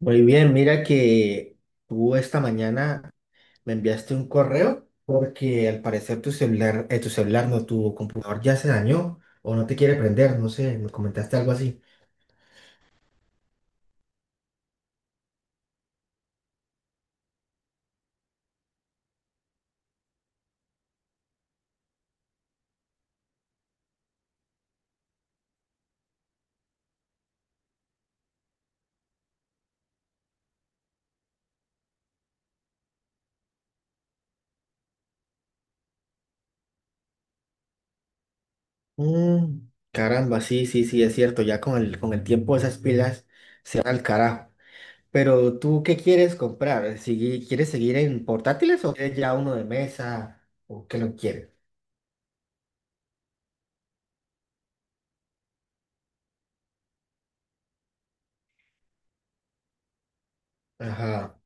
Muy bien, mira que tú esta mañana me enviaste un correo porque al parecer tu celular, no, tu computador ya se dañó o no te quiere prender, no sé, me comentaste algo así. Mm, caramba, sí, sí, sí, es cierto, ya con el tiempo esas pilas se van al carajo. Pero tú, ¿qué quieres comprar? ¿Quieres seguir en portátiles o quieres ya uno de mesa o qué lo quieres? Ajá.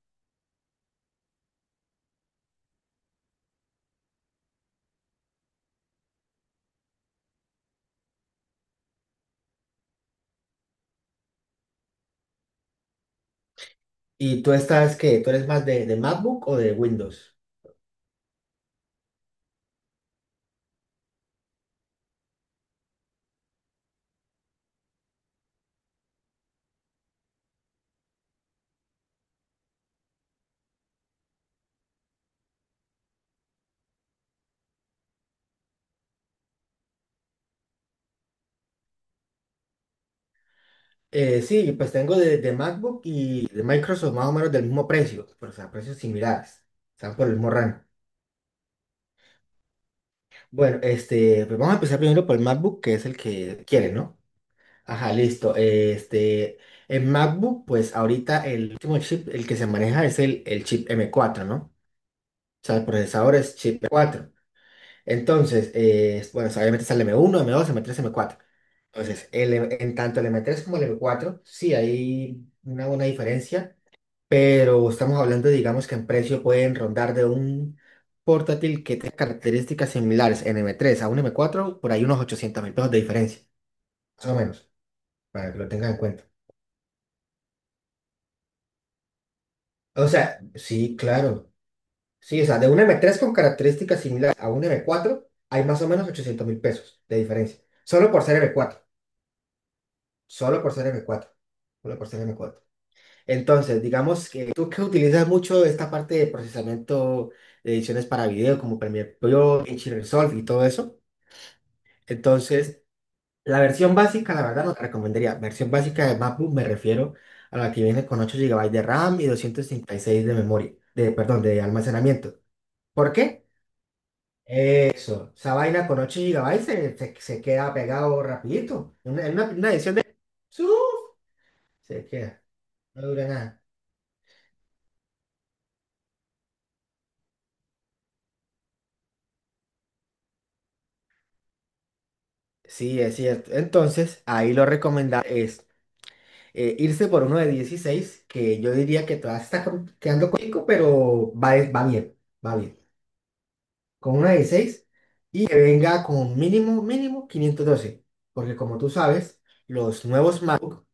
¿Y tú estás qué? ¿Tú eres más de MacBook o de Windows? Sí, pues tengo de MacBook y de Microsoft más o menos del mismo precio, pero, o sea, precios similares, están por el mismo rango. Bueno, este, pues vamos a empezar primero por el MacBook, que es el que quiere, ¿no? Ajá, listo. Este, en MacBook, pues ahorita el último chip, el que se maneja es el chip M4, ¿no? O sea, el procesador es chip M4. Entonces, bueno, o sea, obviamente está el M1, M2, M3, M4. Entonces, en tanto el M3 como el M4, sí hay una buena diferencia, pero estamos hablando, digamos, que en precio pueden rondar de un portátil que tenga características similares en M3 a un M4 por ahí unos 800.000 pesos de diferencia, más o menos, para que lo tengan en cuenta. O sea, sí, claro. Sí, o sea, de un M3 con características similares a un M4 hay más o menos 800.000 pesos de diferencia. Solo por ser M4. Solo por ser m cuatro. Solo por ser m cuatro. Entonces, digamos que tú, que utilizas mucho esta parte de procesamiento de ediciones para video, como Premiere Pro, DaVinci Resolve y todo eso. Entonces, la versión básica, la verdad, no te recomendaría. Versión básica de MacBook me refiero a la que viene con 8 GB de RAM y 236 de memoria, de, perdón, de almacenamiento. ¿Por qué? Eso, esa vaina con 8 GB se queda pegado rapidito. Una edición de... ¡Suf! Se queda, no dura nada. Sí, es cierto. Entonces, ahí lo recomendable es irse por uno de 16, que yo diría que todavía está quedando cortico, pero va bien, va bien. Con uno de 16 y que venga con mínimo, mínimo 512. Porque como tú sabes, los nuevos MacBook,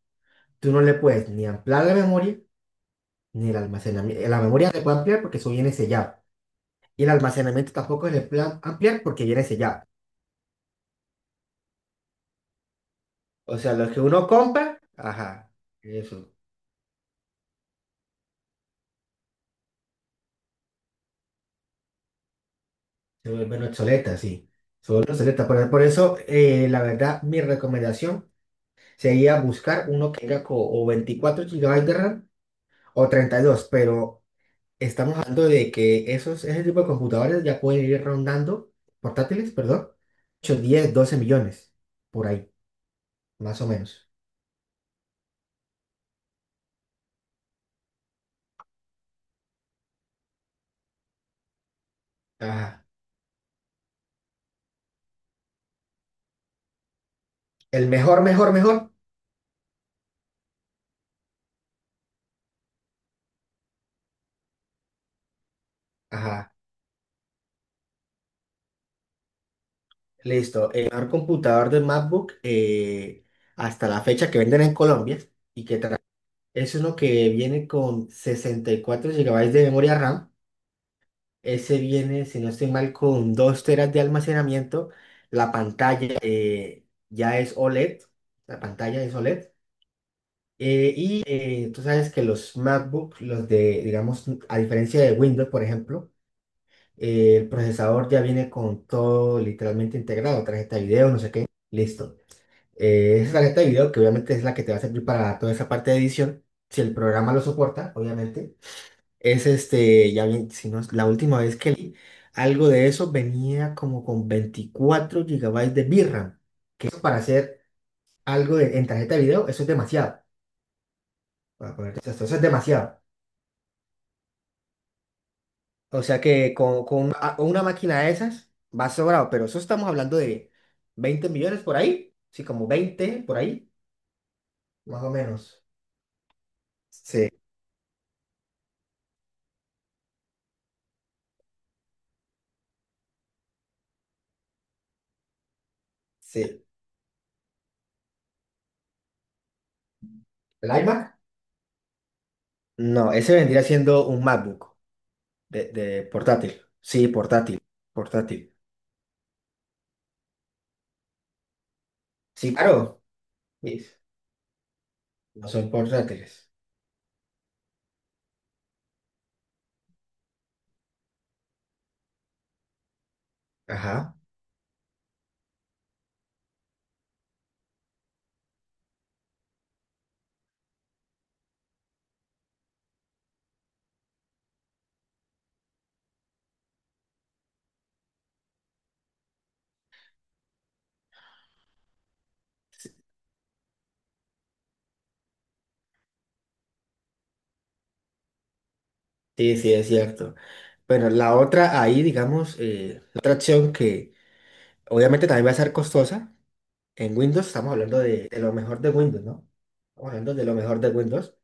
tú no le puedes ni ampliar la memoria, ni el almacenamiento. La memoria le puede ampliar porque eso viene sellado. Y el almacenamiento tampoco se le puede ampliar porque viene sellado. O sea, lo que uno compra, ajá, eso. Se vuelven obsoleta, sí. Se vuelven obsoleta. Por eso, la verdad, mi recomendación sería buscar uno que tenga o 24 GB de RAM o 32, pero estamos hablando de que esos, ese tipo de computadores ya pueden ir rondando, portátiles, perdón, 8, 10, 12 millones, por ahí, más o menos. Ajá. El mejor, mejor, mejor. Ajá. Listo. El mejor computador de MacBook, hasta la fecha, que venden en Colombia y que es uno que viene con 64 GB de memoria RAM. Ese viene, si no estoy mal, con 2 teras de almacenamiento. La pantalla, ya es OLED. La pantalla es OLED. Y tú sabes que los MacBook, los de, digamos, a diferencia de Windows, por ejemplo, el procesador ya viene con todo literalmente integrado. Tarjeta de video, no sé qué. Listo. Esa tarjeta de video, que obviamente es la que te va a servir para toda esa parte de edición, si el programa lo soporta, obviamente. Es este, ya bien, si no, la última vez que leí algo de eso venía como con 24 GB de VRAM, que eso para hacer algo en tarjeta de video, eso es demasiado. Eso es demasiado. O sea que con una máquina de esas va sobrado, pero eso estamos hablando de 20 millones por ahí, sí, como 20 por ahí, más o menos. Sí, sí. ¿El iMac? No, ese vendría siendo un MacBook de portátil. Sí, portátil, portátil. Sí, claro. Sí, no son portátiles. Ajá. Sí, sí, es cierto. Bueno, la otra ahí, digamos, la otra opción que obviamente también va a ser costosa. En Windows estamos hablando de lo mejor de Windows, ¿no? Estamos hablando de lo mejor de Windows.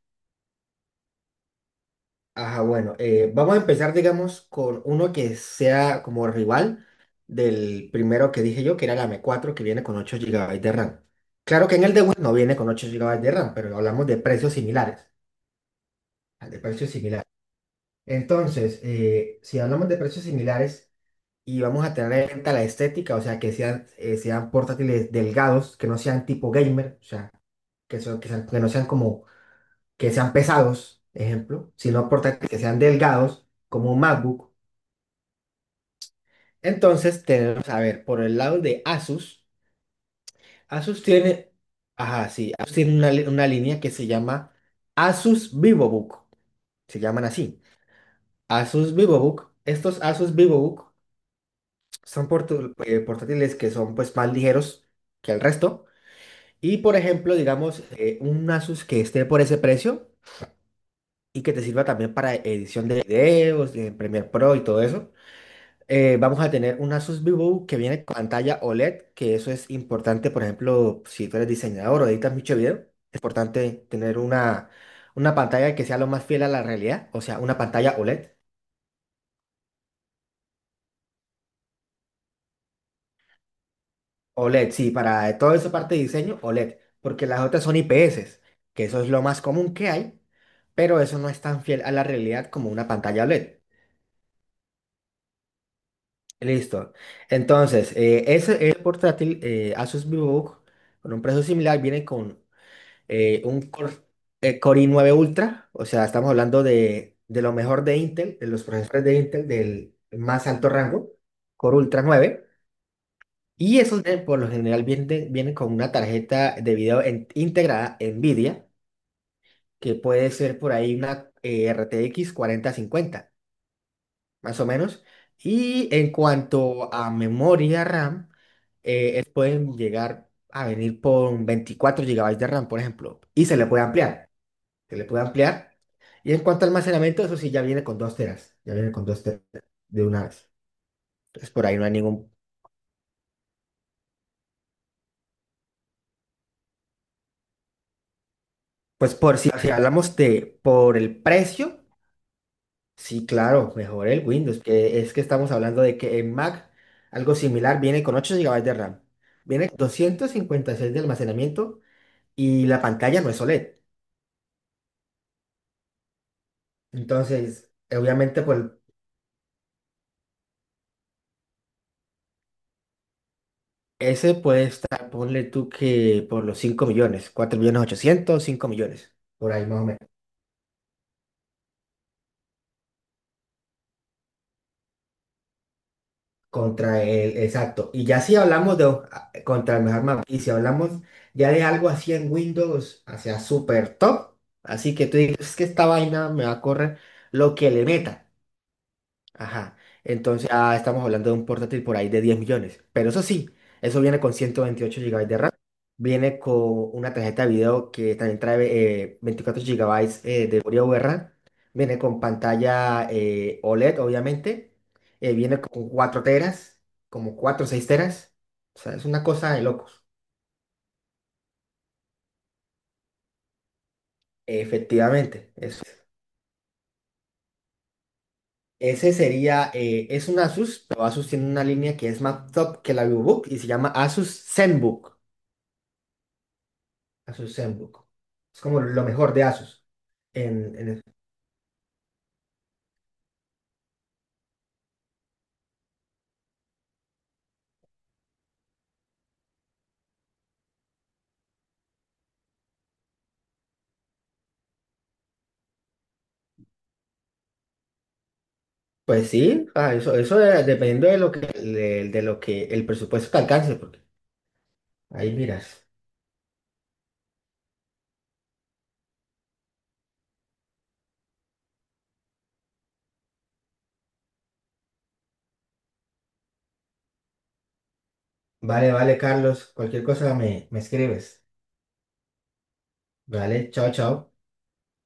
Ajá, bueno, vamos a empezar, digamos, con uno que sea como rival del primero que dije yo, que era la M4 que viene con 8 GB de RAM. Claro que en el de Windows no viene con 8 GB de RAM, pero hablamos de precios similares, de precios similares. Entonces, si hablamos de precios similares y vamos a tener en cuenta la estética, o sea, que sean, sean portátiles delgados, que no sean tipo gamer, o sea, que no sean como, que sean pesados, ejemplo, sino portátiles que sean delgados, como un MacBook. Entonces, tenemos, a ver, por el lado de Asus. Asus tiene, ajá, sí, Asus tiene una línea que se llama Asus VivoBook, se llaman así. Asus VivoBook, estos Asus VivoBook. Son portátiles que son, pues, más ligeros que el resto. Y, por ejemplo, digamos, un Asus que esté por ese precio y que te sirva también para edición de videos, de Premiere Pro y todo eso. Vamos a tener un Asus VivoBook que viene con pantalla OLED, que eso es importante, por ejemplo, si tú eres diseñador o editas mucho video. Es importante tener una pantalla que sea lo más fiel a la realidad, o sea, una pantalla OLED. OLED, sí, para todo eso parte de diseño, OLED, porque las otras son IPS, que eso es lo más común que hay, pero eso no es tan fiel a la realidad como una pantalla OLED. Listo. Entonces, ese, el portátil, Asus VivoBook, con un precio similar, viene con eh, un Core, Core i9 Ultra, o sea, estamos hablando de lo mejor de Intel, de los procesadores de Intel del más alto rango, Core Ultra 9. Y esos por lo general vienen con una tarjeta de video integrada NVIDIA, que puede ser por ahí una RTX 4050, más o menos. Y en cuanto a memoria RAM, pueden llegar a venir con 24 GB de RAM, por ejemplo, y se le puede ampliar. Se le puede ampliar. Y en cuanto al almacenamiento, eso sí, ya viene con 2 teras. Ya viene con 2 teras de una vez. Entonces, por ahí no hay ningún... Pues por si hablamos de por el precio. Sí, claro, mejor el Windows, que es que estamos hablando de que en Mac algo similar viene con 8 GB de RAM, viene con 256 de almacenamiento y la pantalla no es OLED. Entonces, obviamente, pues ese puede estar, ponle tú que por los 5 millones, 4 millones 800, 5 millones, por ahí más o menos. Contra el, exacto. Y ya si hablamos de, contra el mejor mapa, y si hablamos ya de algo así en Windows, hacia super top, así que tú dices, es que esta vaina me va a correr lo que le meta. Ajá. Entonces, estamos hablando de un portátil por ahí de 10 millones. Pero eso sí, eso viene con 128 GB de RAM. Viene con una tarjeta de video que también trae 24 GB de memoria VRAM. Viene con pantalla, OLED, obviamente. Viene con 4 teras, como 4 o 6 teras. O sea, es una cosa de locos. Efectivamente, eso es. Ese sería, es un Asus, pero Asus tiene una línea que es más top que la VivoBook y se llama Asus ZenBook. Asus ZenBook. Es como lo mejor de Asus. En, en es- pues sí, dependiendo de lo que, de lo que el presupuesto te alcance, porque ahí miras. Vale, vale, Carlos, cualquier cosa me escribes. Vale, chao, chao.